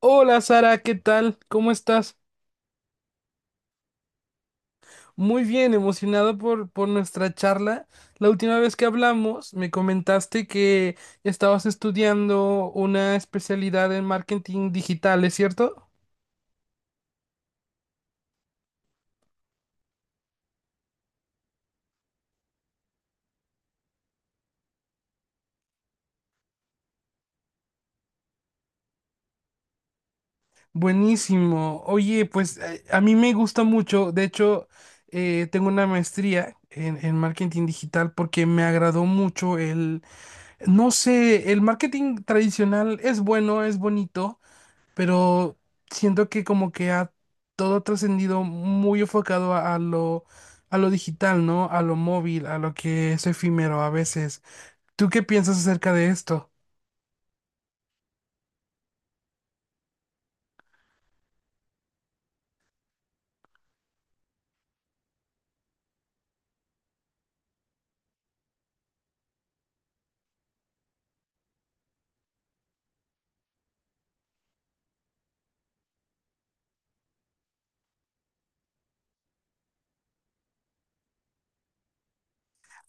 Hola Sara, ¿qué tal? ¿Cómo estás? Muy bien, emocionado por nuestra charla. La última vez que hablamos me comentaste que estabas estudiando una especialidad en marketing digital, ¿es cierto? Buenísimo. Oye, pues a mí me gusta mucho. De hecho, tengo una maestría en marketing digital porque me agradó mucho el. No sé, el marketing tradicional es bueno, es bonito, pero siento que como que ha todo trascendido muy enfocado a lo digital, ¿no? A lo móvil, a lo que es efímero a veces. ¿Tú qué piensas acerca de esto?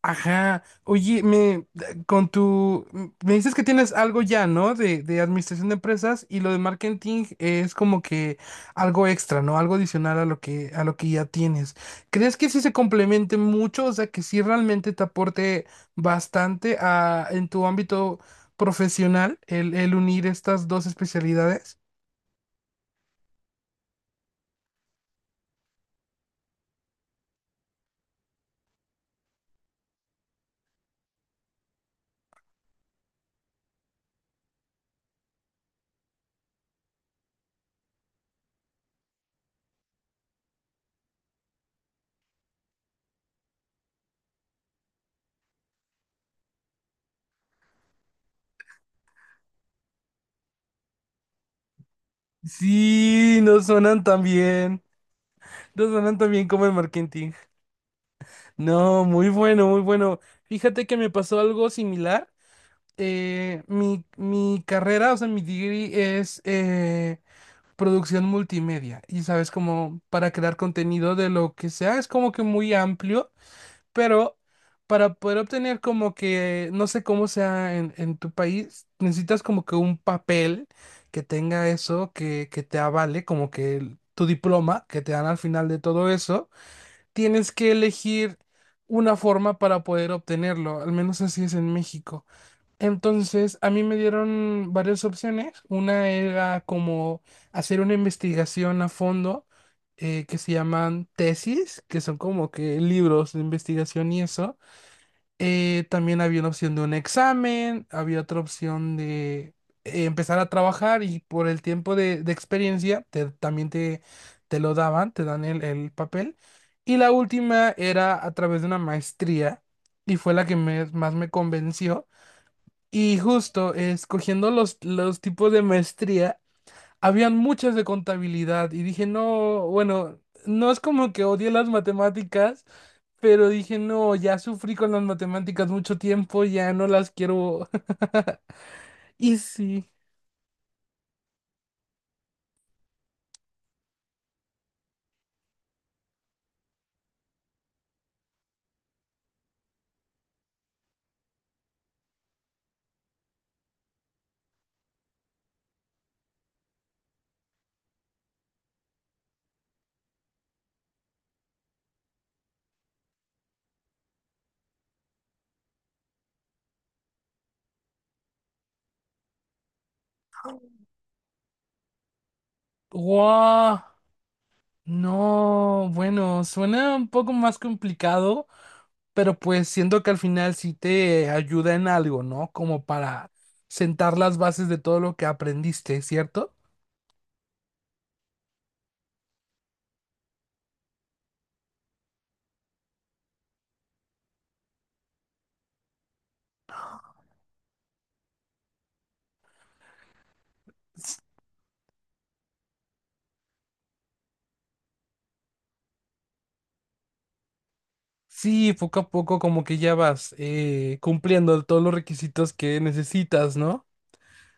Ajá. Oye, me con tu me dices que tienes algo ya, ¿no? De administración de empresas y lo de marketing es como que algo extra, ¿no? Algo adicional a lo que ya tienes. ¿Crees que sí se complemente mucho? O sea, que sí realmente te aporte bastante a en tu ámbito profesional el unir estas dos especialidades. Sí, no suenan tan bien. No suenan tan bien como el marketing. No, muy bueno, muy bueno. Fíjate que me pasó algo similar. Mi carrera, o sea, mi degree es producción multimedia. Y sabes, como para crear contenido de lo que sea, es como que muy amplio, pero para poder obtener como que, no sé cómo sea en tu país, necesitas como que un papel que tenga eso, que te avale, como que el- tu diploma que te dan al final de todo eso tienes que elegir una forma para poder obtenerlo, al menos así es en México. Entonces, a mí me dieron varias opciones. Una era como hacer una investigación a fondo que se llaman tesis, que son como que libros de investigación y eso. También había una opción de un examen, había otra opción de empezar a trabajar y por el tiempo de experiencia te- también te lo daban, te dan el papel. Y la última era a través de una maestría y fue la que me- más me convenció. Y justo escogiendo los tipos de maestría. Habían muchas de contabilidad y dije, no, bueno, no es como que odié las matemáticas, pero dije, no, ya sufrí con las matemáticas mucho tiempo, ya no las quiero. Y sí, guau, no, bueno, suena un poco más complicado, pero pues siento que al final sí te ayuda en algo, ¿no? Como para sentar las bases de todo lo que aprendiste, ¿cierto? Sí, poco a poco como que ya vas cumpliendo todos los requisitos que necesitas, ¿no?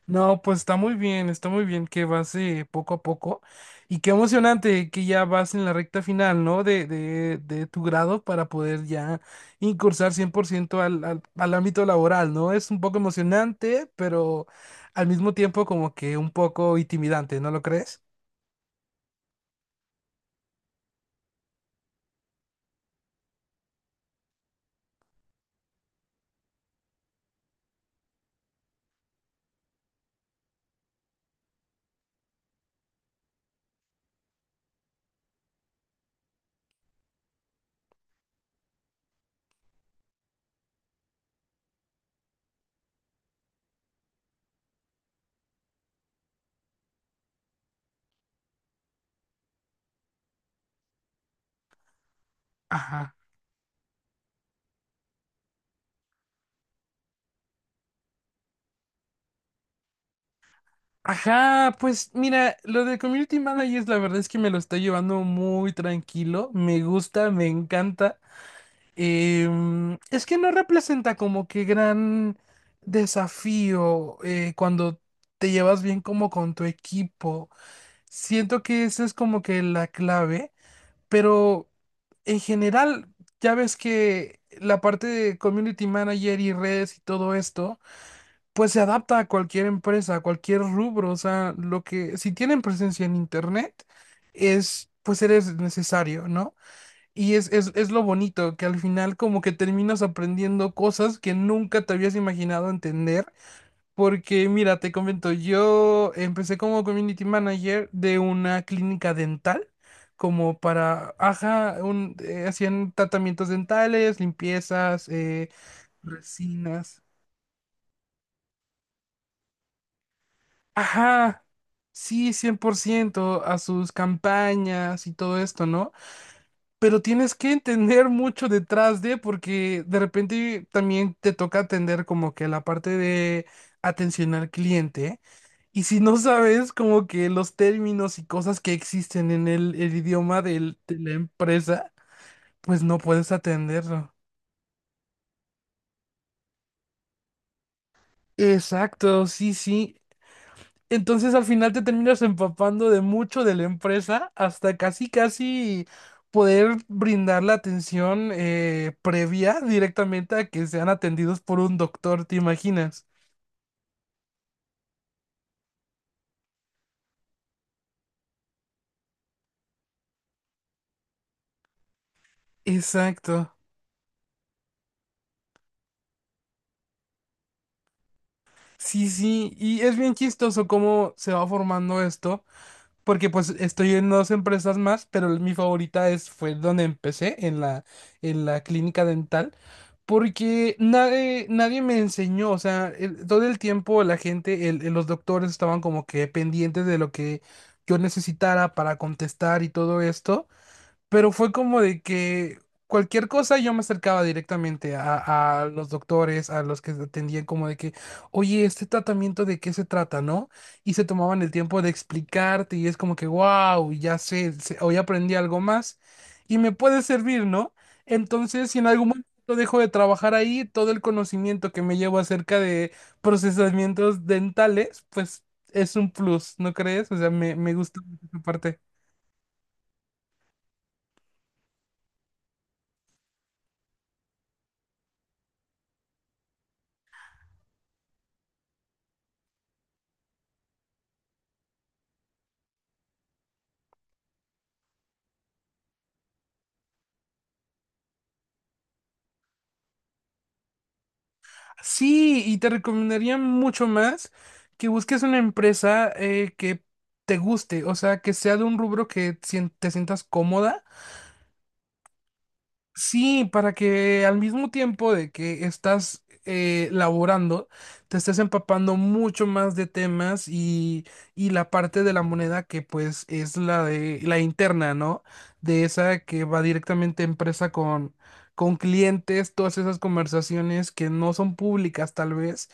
No, pues está muy bien que vas poco a poco y qué emocionante que ya vas en la recta final, ¿no? De tu grado para poder ya incursar 100% al, al, al ámbito laboral, ¿no? Es un poco emocionante, pero al mismo tiempo como que un poco intimidante, ¿no lo crees? Ajá. Ajá, pues mira, lo de Community Managers la verdad es que me lo está llevando muy tranquilo, me gusta, me encanta. Es que no representa como que gran desafío cuando te llevas bien como con tu equipo. Siento que esa es como que la clave, pero en general ya ves que la parte de Community Manager y redes y todo esto pues se adapta a cualquier empresa, a cualquier rubro, o sea, lo que, si tienen presencia en internet, es, pues eres necesario, ¿no? Es lo bonito, que al final como que terminas aprendiendo cosas que nunca te habías imaginado entender, porque mira, te comento, yo empecé como community manager de una clínica dental, como para, ajá, un, hacían tratamientos dentales, limpiezas, resinas. Ajá, sí, cien por ciento a sus campañas y todo esto, ¿no? Pero tienes que entender mucho detrás de, porque de repente también te toca atender como que la parte de atención al cliente. Y si no sabes como que los términos y cosas que existen en el idioma del- de la empresa, pues no puedes atenderlo. Exacto, sí, sí. Entonces al final te terminas empapando de mucho de la empresa hasta casi casi poder brindar la atención previa directamente a que sean atendidos por un doctor, ¿te imaginas? Exacto. Sí, sí, y es bien chistoso cómo se va formando esto. Porque pues estoy en dos empresas más, pero mi favorita es, fue donde empecé, en la clínica dental, porque nadie, nadie me enseñó, o sea, el- todo el tiempo la gente, el- los doctores estaban como que pendientes de lo que yo necesitara para contestar y todo esto pero fue como de que cualquier cosa yo me acercaba directamente a los doctores, a los que atendían, como de que, oye, este tratamiento de qué se trata, ¿no? Y se tomaban el tiempo de explicarte y es como que, wow, ya sé, sé- hoy aprendí algo más y me puede servir, ¿no? Entonces, si en algún momento dejo de trabajar ahí, todo el conocimiento que me llevo acerca de procesamientos dentales, pues es un plus, ¿no crees? O sea, me gusta mucho esa parte. Sí, y te recomendaría mucho más que busques una empresa que te guste, o sea, que sea de un rubro que sien- te sientas cómoda. Sí, para que al mismo tiempo de que estás laborando, te estés empapando mucho más de temas y la parte de la moneda que pues es la de la interna, ¿no? De esa que va directamente empresa con clientes, todas esas conversaciones que no son públicas tal vez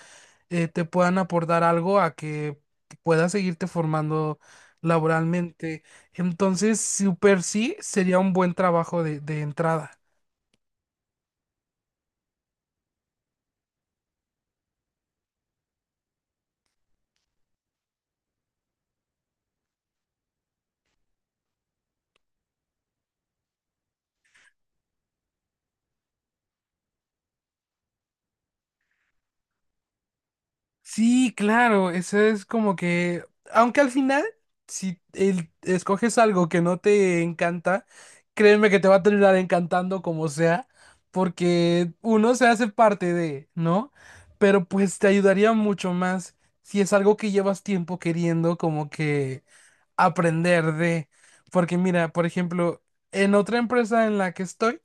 te puedan aportar algo a que puedas seguirte formando laboralmente. Entonces, super sí sería un buen trabajo de entrada. Sí, claro, eso es como que, aunque al final, si el- escoges algo que no te encanta, créeme que te va a terminar encantando como sea, porque uno se hace parte de, ¿no? Pero pues te ayudaría mucho más si es algo que llevas tiempo queriendo, como que aprender de, porque mira, por ejemplo, en otra empresa en la que estoy,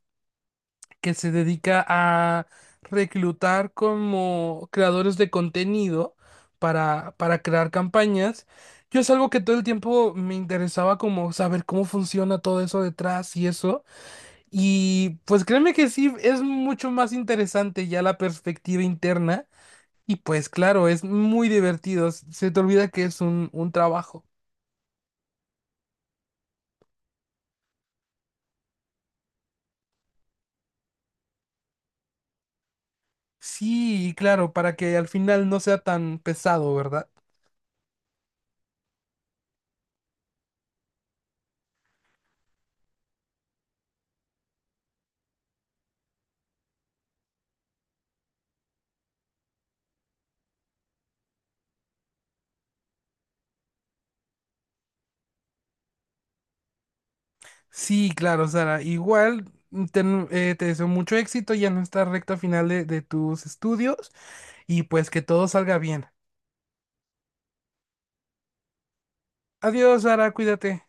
que se dedica a reclutar como creadores de contenido para crear campañas, yo es algo que todo el tiempo me interesaba como saber cómo funciona todo eso detrás y eso, y pues créeme que sí, es mucho más interesante ya la perspectiva interna. Y pues claro, es muy divertido, se te olvida que es un trabajo. Sí, claro, para que al final no sea tan pesado, ¿verdad? Sí, claro, Sara, igual ten- te deseo mucho éxito ya en esta recta final de tus estudios y pues que todo salga bien. Adiós, Sara, cuídate.